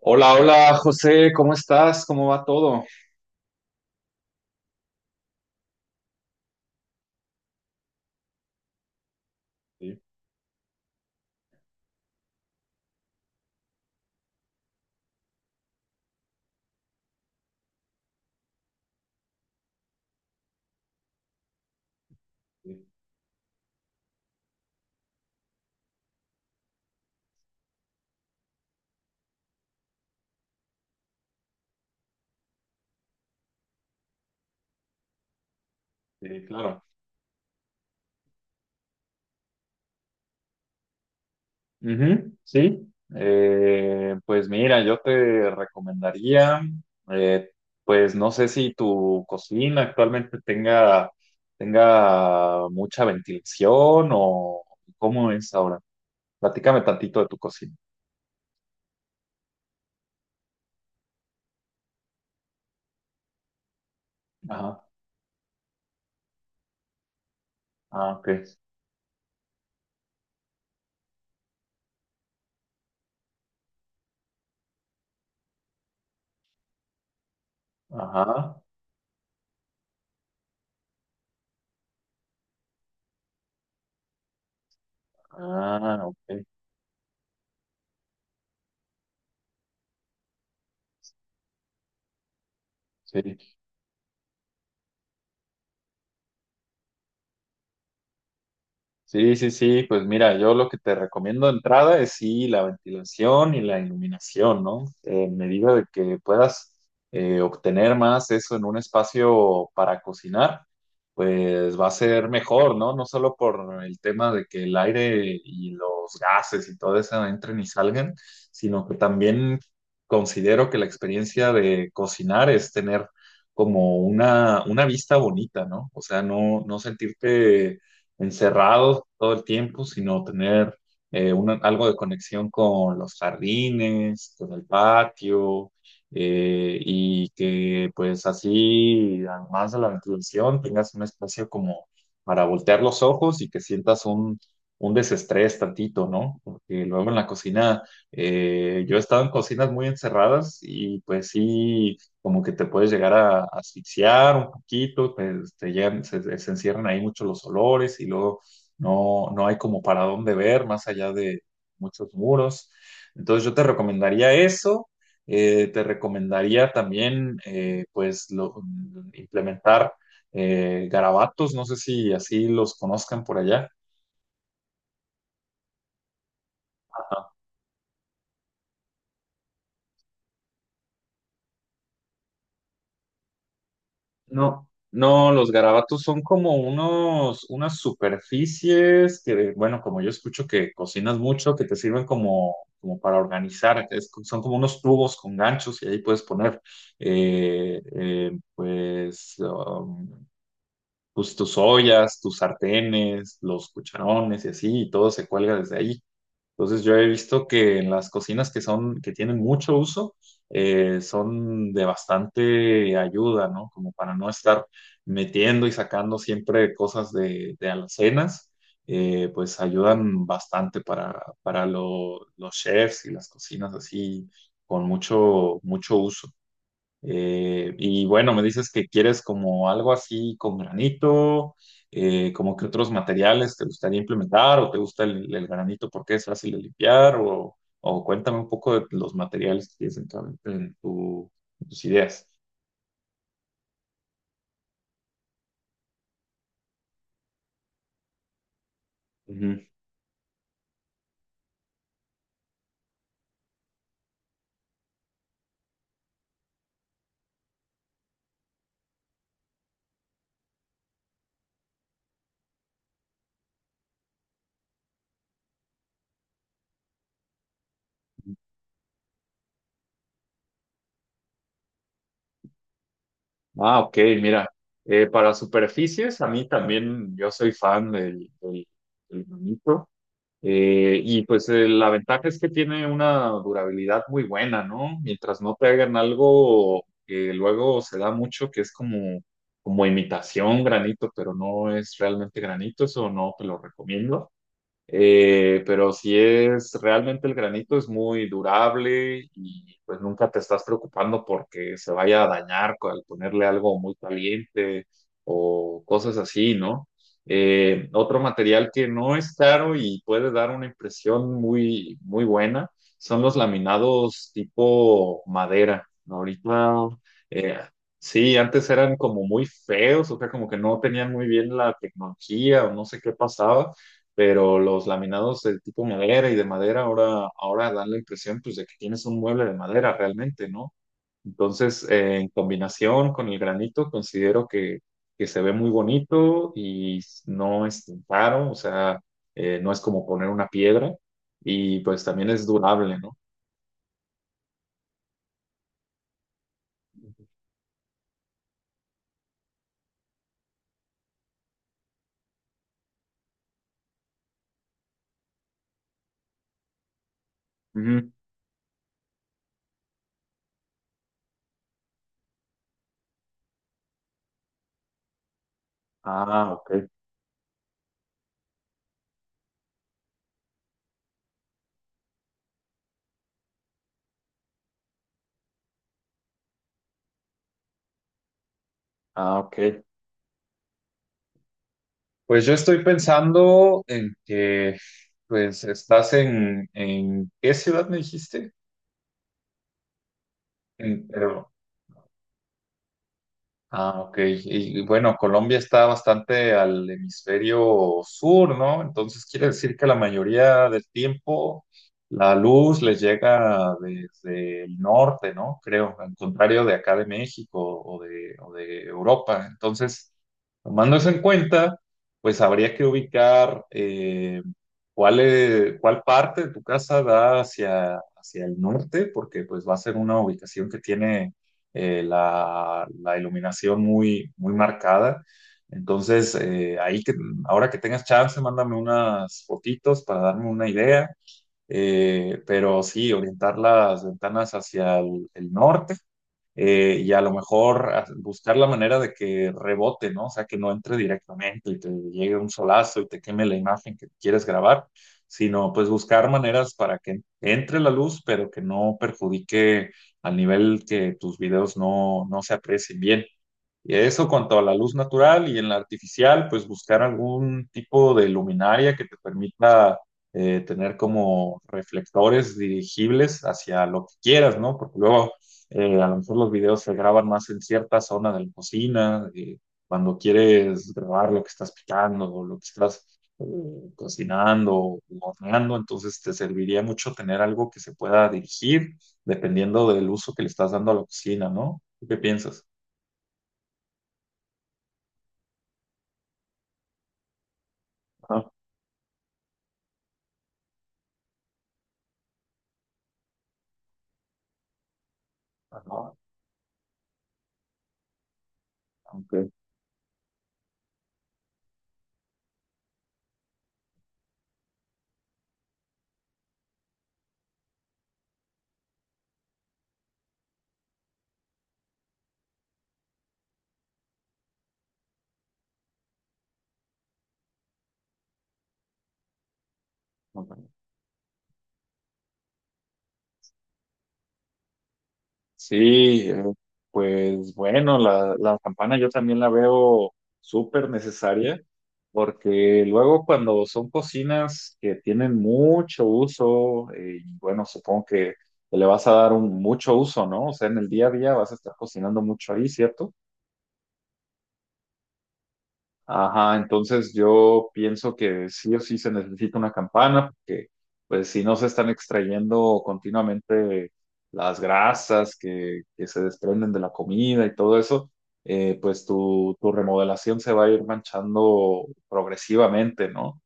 Hola, hola, José, ¿cómo estás? ¿Cómo va todo? Sí, sí, sí, claro. Ujú, sí. Pues mira, yo te recomendaría, eh, pues no sé si tu cocina actualmente tenga mucha ventilación o cómo es ahora. Platícame tantito de tu cocina. Ajá, ah, ok. Ajá, ah, ok, sí. Sí, sí, sí, pues mira, yo lo que te recomiendo de entrada es sí la ventilación y la iluminación, ¿no? En medida de que puedas obtener más eso en un espacio para cocinar, pues va a ser mejor, ¿no? No solo por el tema de que el aire y los gases y todo eso entren y salgan, sino que también considero que la experiencia de cocinar es tener como una vista bonita, ¿no? O sea, no sentirte encerrados todo el tiempo, sino tener algo de conexión con los jardines, con el patio, y que pues así, además de la ventilación, tengas un espacio como para voltear los ojos y que sientas un desestrés tantito, ¿no? Porque luego en la cocina, yo he estado en cocinas muy encerradas y pues sí, como que te puedes llegar a asfixiar un poquito, pues, te llegan, se encierran ahí muchos los olores y luego no hay como para dónde ver más allá de muchos muros. Entonces yo te recomendaría eso, te recomendaría también, pues implementar, garabatos, no sé si así los conozcan por allá. No, no, los garabatos son como unos, unas superficies que, bueno, como yo escucho que cocinas mucho, que te sirven como, para organizar, es son como unos tubos con ganchos y ahí puedes poner, pues, pues, tus ollas, tus sartenes, los cucharones y así, y todo se cuelga desde ahí. Entonces yo he visto que en las cocinas que son, que tienen mucho uso, son de bastante ayuda, ¿no? Como para no estar metiendo y sacando siempre cosas de alacenas, pues ayudan bastante para, para los chefs y las cocinas así, con mucho, mucho uso. Y bueno, me dices que quieres como algo así con granito, como que otros materiales te gustaría implementar o te gusta el granito porque es fácil de limpiar o cuéntame un poco de los materiales que tienes en tu- en tus ideas. Ujú. Ah, ok, mira, para superficies a mí también yo soy fan del granito. Y pues, la ventaja es que tiene una durabilidad muy buena, ¿no? Mientras no te hagan algo que luego se da mucho, que es como, imitación granito, pero no es realmente granito, eso no te lo recomiendo. Pero si es realmente el granito es muy durable y pues nunca te estás preocupando porque se vaya a dañar, al ponerle algo muy caliente o cosas así, ¿no? Otro material que no es caro y puede dar una impresión muy, muy buena son los laminados tipo madera. Ahorita, eh, sí, antes eran como muy feos, o sea, como que no tenían muy bien la tecnología o no sé qué pasaba, pero los laminados de tipo madera y de madera ahora, dan la impresión pues de que tienes un mueble de madera realmente, ¿no? Entonces, en combinación con el granito, considero que se ve muy bonito y no es tan caro, o sea, no es como poner una piedra y pues también es durable, ¿no? Ujú. Ah, ok. Ah, ok. Pues yo estoy pensando en que, pues, ¿en qué ciudad me dijiste? En, Perú. Ah, ok. Y bueno, Colombia está bastante al hemisferio sur, ¿no? Entonces quiere decir que la mayoría del tiempo la luz les llega desde el norte, ¿no? Creo, al contrario de acá de México o de Europa. Entonces, tomando eso en cuenta, pues habría que ubicar, cuál parte de tu casa da hacia el norte, porque pues va a ser una ubicación que tiene, la iluminación muy, muy marcada. Entonces, ahora que tengas chance, mándame unas fotitos para darme una idea. Pero sí, orientar las ventanas hacia el norte, y a lo mejor buscar la manera de que rebote, ¿no? O sea, que no entre directamente y te llegue un solazo y te queme la imagen que quieres grabar, sino pues buscar maneras para que entre la luz, pero que no perjudique al nivel que tus videos no se aprecien bien. Y eso cuanto a la luz natural, y en la artificial, pues buscar algún tipo de luminaria que te permita, tener como reflectores dirigibles hacia lo que quieras, ¿no? Porque luego, a lo mejor los videos se graban más en cierta zona de la cocina, cuando quieres grabar lo que estás picando o lo que estás, cocinando o horneando, entonces te serviría mucho tener algo que se pueda dirigir dependiendo del uso que le estás dando a la cocina, ¿no? ¿Tú ¿Qué piensas? Ajá, ajá, ok, ok. Sí, pues bueno, la campana yo también la veo súper necesaria, porque luego cuando son cocinas que tienen mucho uso, y bueno, supongo que le vas a dar un mucho uso, ¿no? O sea, en el día a día vas a estar cocinando mucho ahí, ¿cierto? Ajá, entonces yo pienso que sí o sí se necesita una campana, porque pues si no se están extrayendo continuamente las grasas que se desprenden de la comida y todo eso, pues tu remodelación se va a ir manchando progresivamente, ¿no?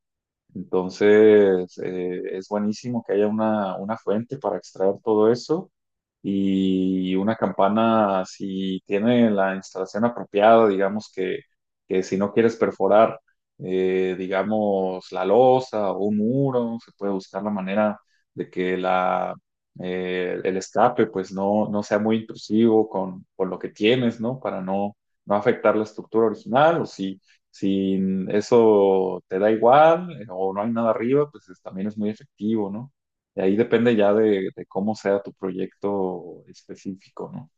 Entonces, es buenísimo que haya una fuente para extraer todo eso, y una campana, si tiene la instalación apropiada, digamos que, si no quieres perforar, digamos, la losa o un muro, se puede buscar la manera de que el escape pues no sea muy intrusivo con lo que tienes, ¿no? Para no afectar la estructura original, o si... Si Eso te da igual, o no hay nada arriba, pues también es muy efectivo, ¿no? De ahí depende ya de cómo sea tu proyecto específico, ¿no?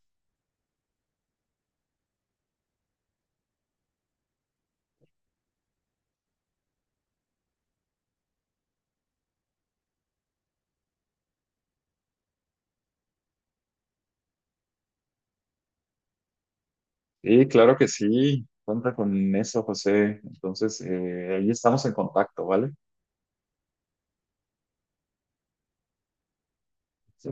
Sí, claro que sí. Cuenta con eso, José. Entonces, ahí estamos en contacto, ¿vale? Sí.